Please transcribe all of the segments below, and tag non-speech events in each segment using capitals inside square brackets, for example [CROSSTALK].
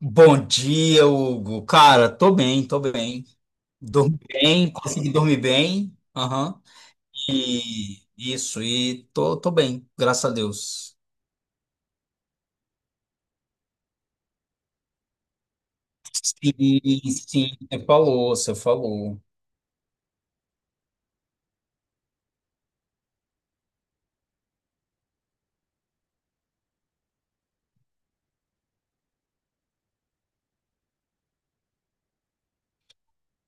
Bom dia, Hugo. Cara, tô bem, tô bem. Dormi bem, consegui dormir bem. Aham. E isso, e tô bem, graças a Deus. Sim, sim, você falou, você falou.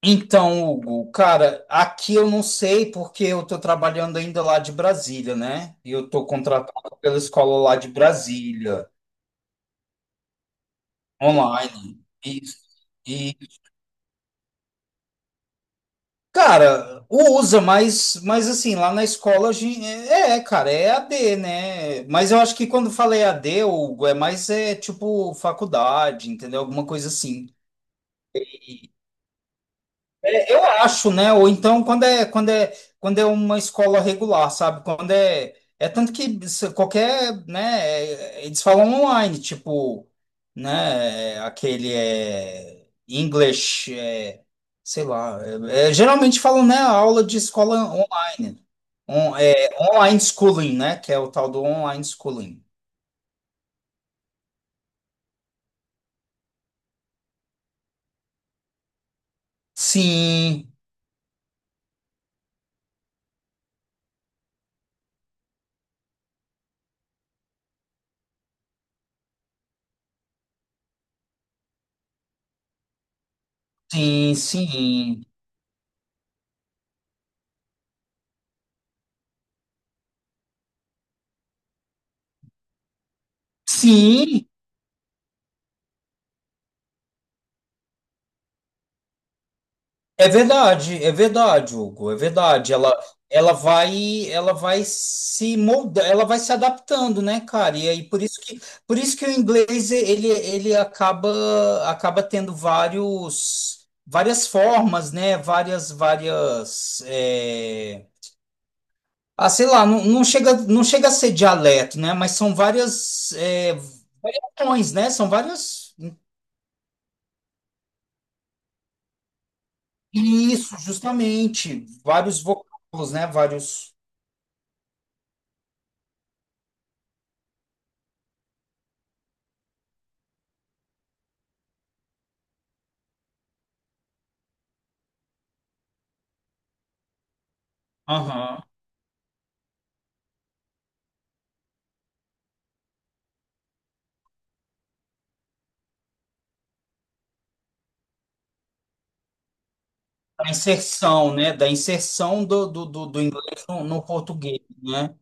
Então, Hugo, cara, aqui eu não sei porque eu tô trabalhando ainda lá de Brasília, né? E eu tô contratado pela escola lá de Brasília, online. Isso. Cara, usa, mas assim, lá na escola a gente, cara, é EAD, né? Mas eu acho que quando falei d Hugo, é mais é tipo faculdade, entendeu? Alguma coisa assim. É, eu acho, né? Ou então quando é uma escola regular, sabe? Quando é tanto que qualquer, né? Eles falam online, tipo, né? Aquele é English, sei lá. Geralmente falam, né? Aula de escola online. Online schooling, né? Que é o tal do online schooling. Sim, sim, sim, sim. É verdade, Hugo, é verdade. Ela vai se moldar, ela vai se adaptando, né, cara? E aí por isso que o inglês, ele acaba tendo várias formas, né? Várias, várias, sei lá, não, não chega a ser dialeto, né? Mas são várias, variações, né? São várias, isso, justamente, vários vocábulos, né? Vários. Aham. A inserção, né? Da inserção do inglês no português, né?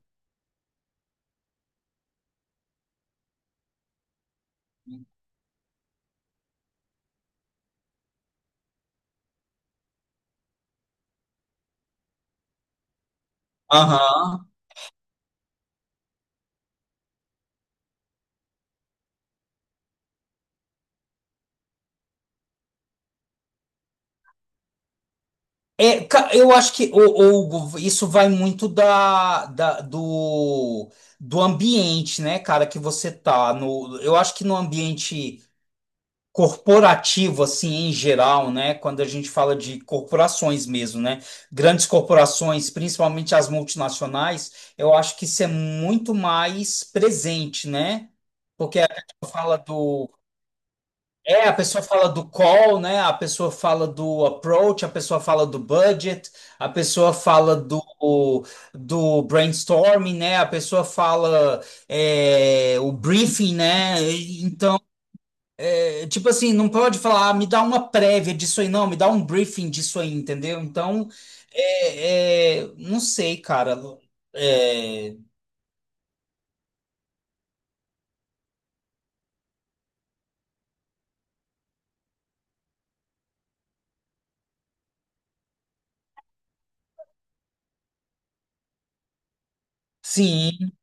Aham. É, eu acho que, isso vai muito do ambiente, né, cara, que você tá no, eu acho que no ambiente corporativo, assim, em geral, né, quando a gente fala de corporações mesmo, né, grandes corporações, principalmente as multinacionais, eu acho que isso é muito mais presente, né, porque a pessoa fala do call, né? A pessoa fala do approach, a pessoa fala do budget, a pessoa fala do, brainstorming, né? A pessoa fala o briefing, né? Então, tipo assim, não pode falar, ah, me dá uma prévia disso aí, não, me dá um briefing disso aí, entendeu? Então, não sei, cara. É, sim.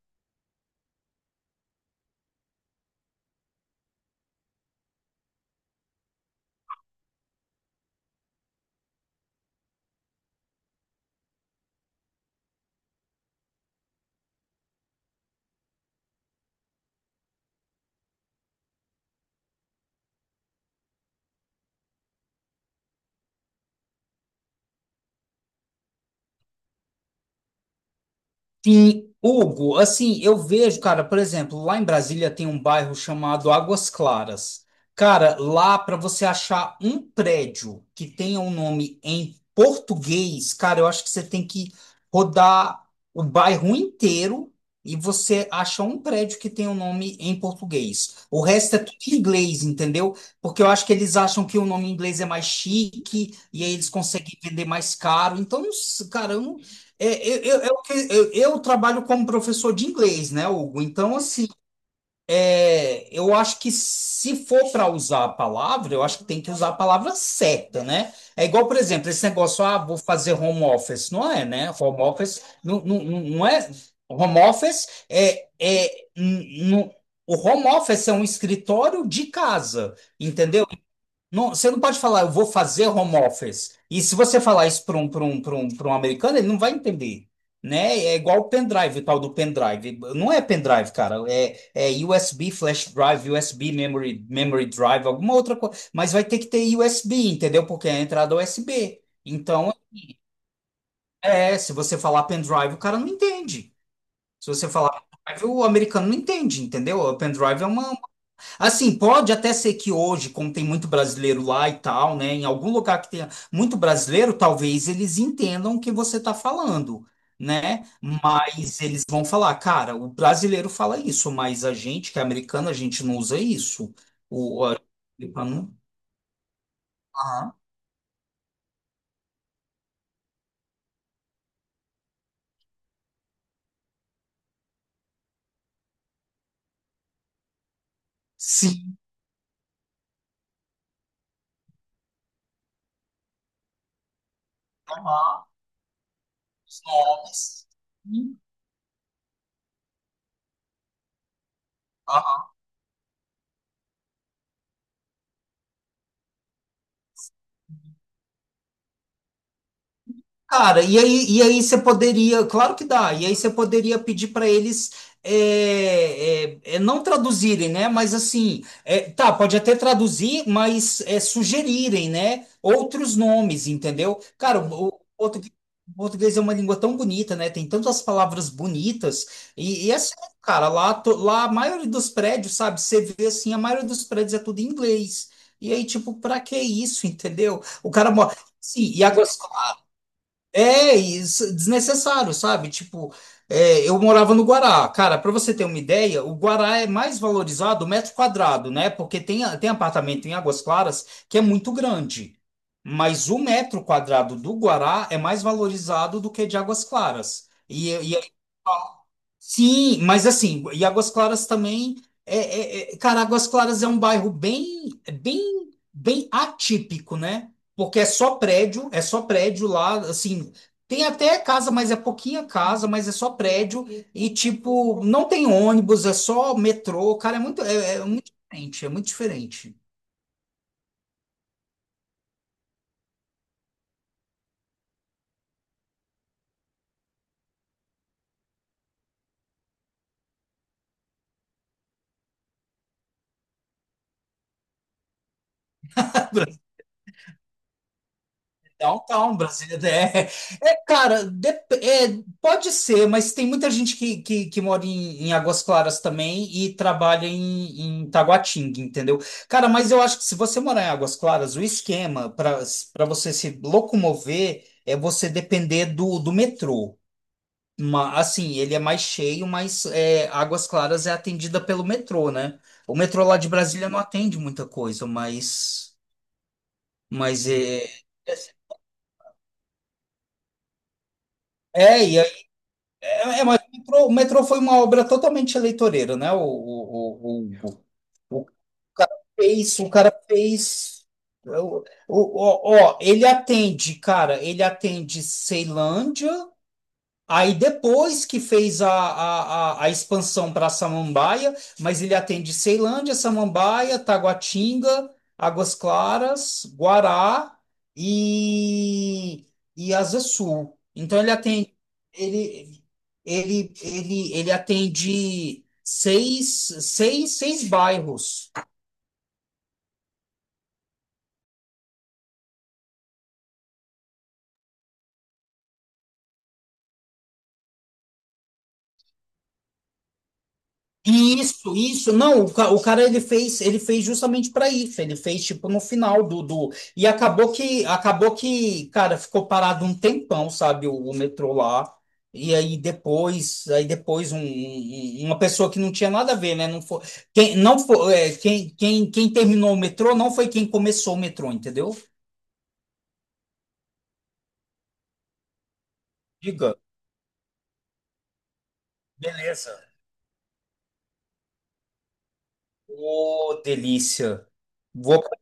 Sim, Hugo, assim, eu vejo, cara, por exemplo, lá em Brasília tem um bairro chamado Águas Claras. Cara, lá para você achar um prédio que tenha um nome em português, cara, eu acho que você tem que rodar o bairro inteiro e você acha um prédio que tenha um nome em português. O resto é tudo em inglês, entendeu? Porque eu acho que eles acham que o nome em inglês é mais chique e aí eles conseguem vender mais caro. Então, cara, eu não é, eu, que- eu trabalho como professor de inglês, né, Hugo? Então, assim, é, eu acho que se for para usar a palavra, eu acho que tem que usar a palavra certa, né? É igual, por exemplo, esse negócio, ah, vou fazer home office. Não é, né? Home office não, não, não não é. Home office é, é n- n- o home office é um escritório de casa, entendeu? Não, você não pode falar, eu vou fazer home office. E se você falar isso para um americano, ele não vai entender, né? É igual o pendrive, o tal do pendrive. Não é pendrive, cara. É USB flash drive, USB memory, memory drive, alguma outra coisa. Mas vai ter que ter USB, entendeu? Porque é a entrada USB. Então, é, se você falar pendrive, o cara não entende. Se você falar pendrive, o americano não entende, entendeu? O pendrive é uma. Assim, pode até ser que hoje, como tem muito brasileiro lá e tal, né, em algum lugar que tenha muito brasileiro, talvez eles entendam o que você está falando, né? Mas eles vão falar, cara, o brasileiro fala isso, mas a gente, que é americano, a gente não usa isso. O, a- Aham. Sim, aham. Os nomes. Cara, claro que dá, e aí você poderia pedir para eles, não traduzirem, né? Mas assim, tá, pode até traduzir, mas sugerirem, né? Outros nomes, entendeu? Cara, o português é uma língua tão bonita, né? Tem tantas palavras bonitas, e é sério, cara, lá, lá a maioria dos prédios, sabe? Você vê assim, a maioria dos prédios é tudo em inglês. E aí, tipo, pra que isso, entendeu? O cara mora. Sim, e agora. É isso, desnecessário, sabe? Tipo, é, eu morava no Guará. Cara, para você ter uma ideia, o Guará é mais valorizado o metro quadrado, né? Porque tem apartamento em Águas Claras que é muito grande. Mas o metro quadrado do Guará é mais valorizado do que de Águas Claras. E. Sim, mas assim, e Águas Claras também, cara, Águas Claras é um bairro bem, bem, bem atípico, né? Porque é só prédio lá, assim, tem até casa, mas é pouquinha casa, mas é só prédio e tipo, não tem ônibus, é só metrô, cara, é muito, é muito diferente, é muito diferente. [LAUGHS] Downtown, Brasília é cara, pode ser, mas tem muita gente que mora em, Águas Claras também e trabalha em, Taguatinga, entendeu? Cara, mas eu acho que se você morar em Águas Claras, o esquema para você se locomover é você depender do metrô. Assim, ele é mais cheio, mas Águas Claras é atendida pelo metrô, né? O metrô lá de Brasília não atende muita coisa, mas é, é, e mas o metrô foi uma obra totalmente eleitoreira, né? O cara fez, o cara fez. Ó, ele atende, cara, ele atende Ceilândia. Aí depois que fez a expansão para Samambaia, mas ele atende Ceilândia, Samambaia, Taguatinga, Águas Claras, Guará e, e Asa Sul. Então ele atende ele, ele, ele, ele atende seis bairros. Isso, isso. Não, o cara, ele fez justamente para isso. Ele fez tipo no final do. E acabou que cara, ficou parado um tempão, sabe, o metrô lá. E aí depois uma pessoa que não tinha nada a ver, né? Não foi quem, não foi, é, quem, quem terminou o metrô não foi quem começou o metrô, entendeu? Diga. Beleza. Ô, delícia. Vou. Pra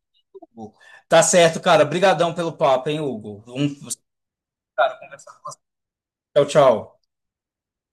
Hugo. Tá certo, cara. Obrigadão pelo papo, hein, Hugo. Tchau, tchau.